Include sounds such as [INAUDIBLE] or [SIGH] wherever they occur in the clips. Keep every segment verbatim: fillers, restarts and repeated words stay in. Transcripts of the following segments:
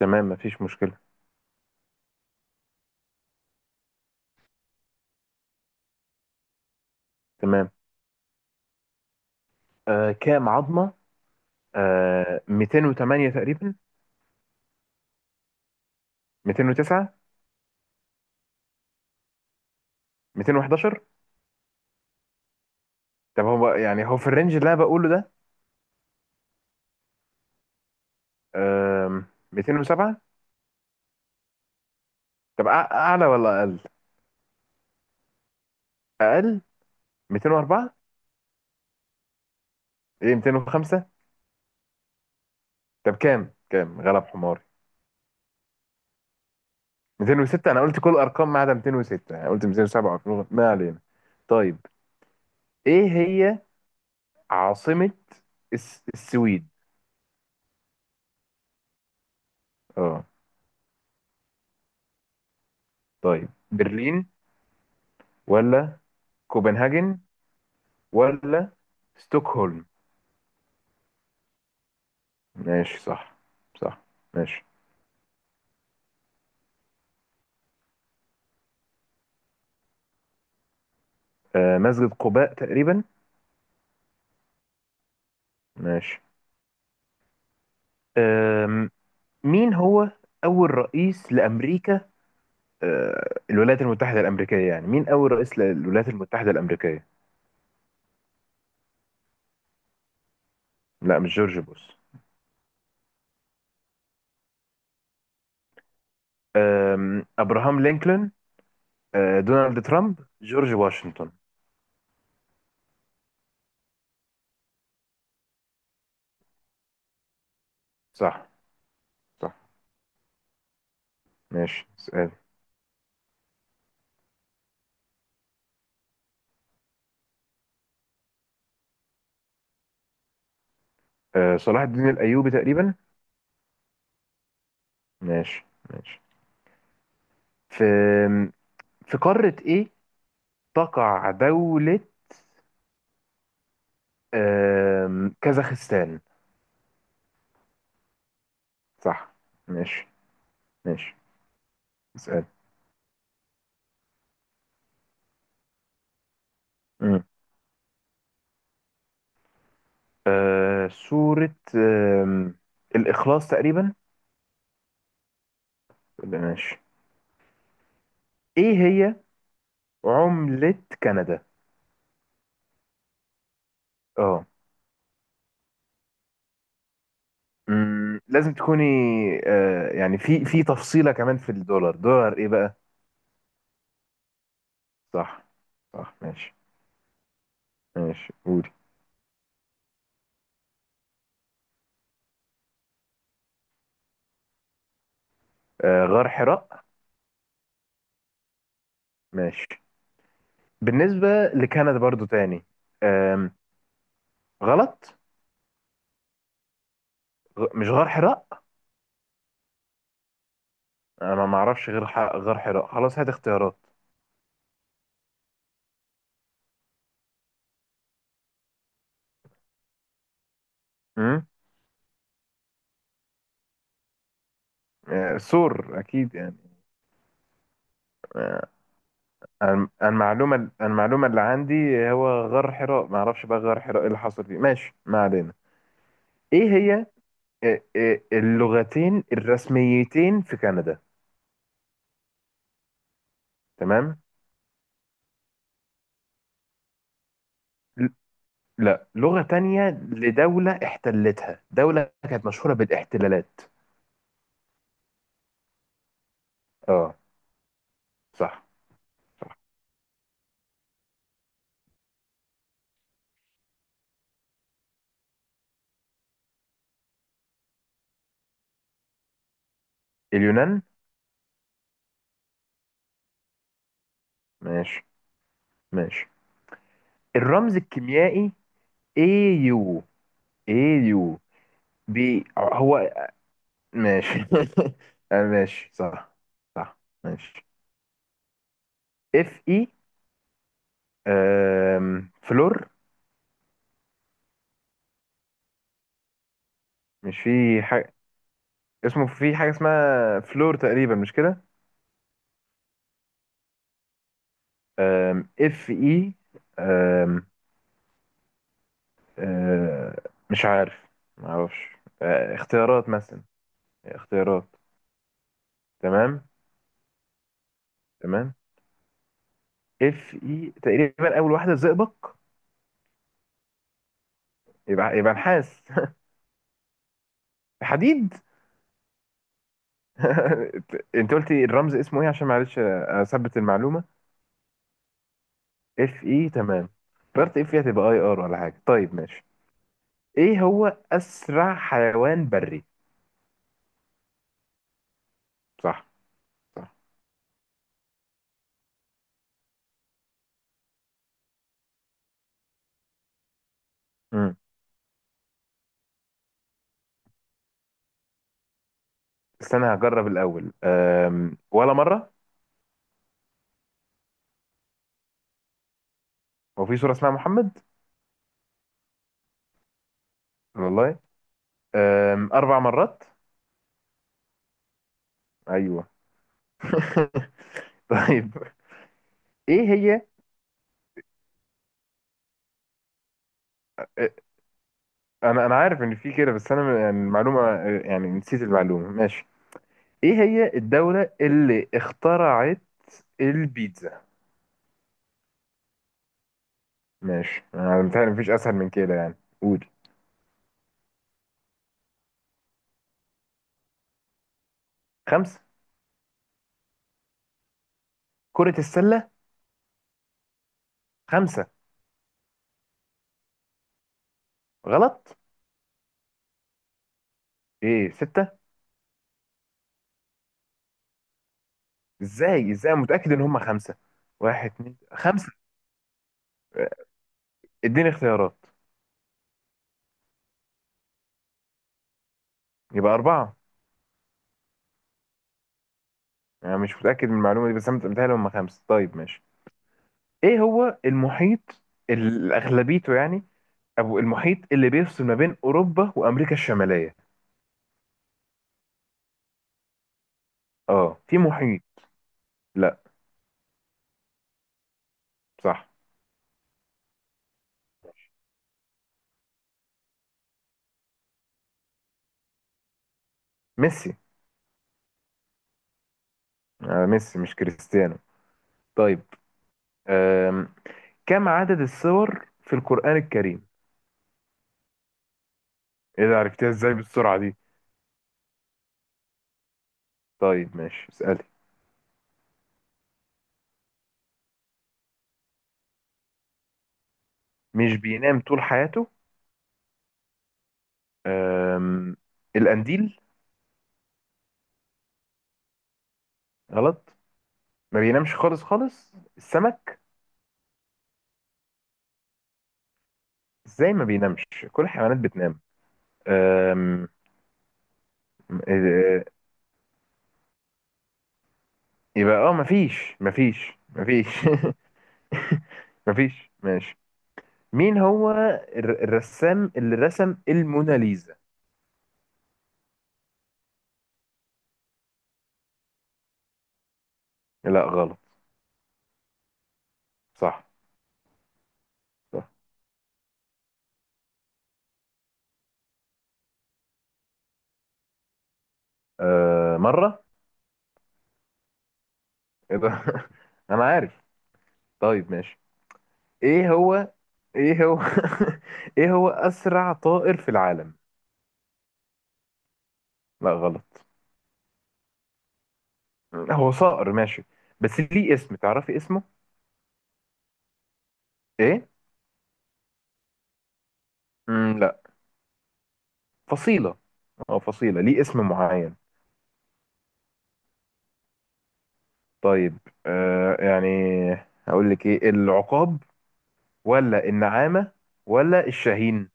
تمام مفيش مشكلة. تمام. آه كام عظمة؟ آه مئتين وتمانية تقريبا. مئتين وتسعة. مئتين وحداشر. طب هو يعني هو في الرينج اللي انا بقوله ده. آه مئتين وسبعة. طب أع- اعلى ولا اقل؟ اقل. مئتين وأربعة. ايه، مئتين وخمسة. طب كام كام غلب حماري؟ مئتين وستة. انا قلت كل الارقام ما عدا مئتين وستة، يعني قلت مئتين وسبعة و ميتين. ما علينا. طيب، ايه هي عاصمة الس- السويد؟ اه. طيب، برلين ولا كوبنهاجن ولا ستوكهولم؟ ماشي صح. صح. ماشي. آه مسجد قباء تقريبا. ماشي. آم، مين هو أول رئيس لأمريكا؟ آه الولايات المتحدة الأمريكية، يعني مين أول رئيس للولايات المتحدة الأمريكية؟ لا، مش جورج بوش. آم، أبراهام لينكولن. آه دونالد ترامب. جورج واشنطن. صح. صح. ماشي سؤال. آه صلاح الدين الأيوبي تقريبا. ماشي ماشي. في في قارة إيه تقع دولة آم، كازاخستان؟ صح. ماشي ماشي. اسأل. مم. آه، سورة آم، الإخلاص تقريبا. ولا ماشي. إيه هي عملة كندا؟ اه. مم، لازم تكوني آه، يعني في في تفصيلة كمان، في الدولار، دولار إيه بقى؟ صح. صح ماشي. ماشي قولي. آه، غار حراء. ماشي. بالنسبة لكندا برضو تاني. آم، غلط. غ- مش غار حراء. انا ما اعرفش غير ح... غير حراء. خلاص هات اختيارات. امم. آه، سور اكيد يعني. آه، الم- المعلومه المعلومه اللي عندي هو غار حراء. ما اعرفش بقى غار حراء ايه اللي حصل فيه. ماشي ما علينا. ايه هي آه، آه، اللغتين الرسميتين في كندا؟ تمام. ل- لا، لغه تانية لدوله احتلتها، دوله كانت مشهوره بالاحتلالات. اه. صح. صح. اليونان. ماشي ماشي. الرمز الكيميائي ايه يو. ايه يو بي هو؟ ماشي [LAUGHS] آه، ماشي صح. صح ماشي. اف اي فلور؟ مش في حاجة اسمه، في حاجة اسمها فلور تقريبا مش كده؟ اف اي مش عارف. معرفش. آه، اختيارات مثلا، اختيارات. تمام. تمام. اف اي تقريبا، اول واحدة زئبق. يبقى يبقى نحاس. [LAUGHS] حديد. [LAUGHS] انت قلتي الرمز اسمه ايه عشان معلش اثبت المعلومة. اف اي تمام. فكرت اف اي هتبقى اي ار ولا حاجه. طيب ماشي. ايه هو اسرع حيوان بري؟ صح. صح. امم. استنى هجرب الاول. أم... ولا مره؟ هو في سوره اسمها محمد؟ والله. أم... اربع مرات. ايوه [LAUGHS] طيب، ايه هي. آه، انا انا عارف ان في كده بس انا يعني المعلومه، آه، يعني نسيت المعلومه. ماشي. ايه هي الدوله اللي اخترعت البيتزا؟ ماشي، انا متهيألي مفيش اسهل من كده يعني. قول. خمسه. كرة السلة. خمسة. غلط. ايه، ستة. ازاي ازاي أنا متأكد ان هم خمسة. واحد اتنين خمسة. اديني اختيارات. يبقى أربعة. أنا مش متأكد من المعلومة دي بس أنا متهيألي هم خمسة. طيب ماشي. إيه هو المحيط ال- أغلبيته يعني، أو المحيط اللي بيفصل ما بين أوروبا وأمريكا الشمالية؟ أه، في محيط. لا. صح. ميسي. آه ميسي مش كريستيانو. طيب. أم. كم عدد السور في القرآن الكريم؟ إيه ده، عرفتها إزاي بالسرعة دي؟ طيب ماشي اسألي. مش بينام طول حياته؟ أم... القنديل. غلط. ما بينامش خالص خالص، السمك. ازاي ما بينامش؟ كل الحيوانات بتنام. أم... إيه- يبقى اه مفيش مفيش مفيش [LAUGHS] مفيش ماشي. مين هو الر- الرسام اللي رسم الموناليزا؟ لا غلط. صح. صح. أه... مرة. ايه ده [LAUGHS] انا عارف. طيب ماشي. ايه هو ايه هو [LAUGHS] ايه هو اسرع طائر في العالم؟ لا غلط. هو صقر ماشي، بس ليه اسم، تعرفي اسمه ايه؟ مم، لا. فصيلة. اه، فصيلة ليه اسم معين. طيب، آه يعني هقول لك ايه: العقاب ولا النعامة ولا الشاهين؟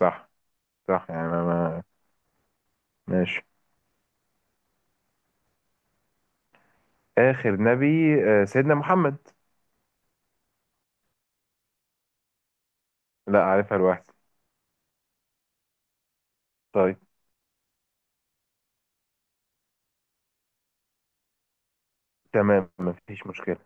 صح. صح يعني ما ما- ماشي. آخر نبي آه سيدنا محمد. لا، عارفها لوحدي. طيب. تمام مفيش مشكلة.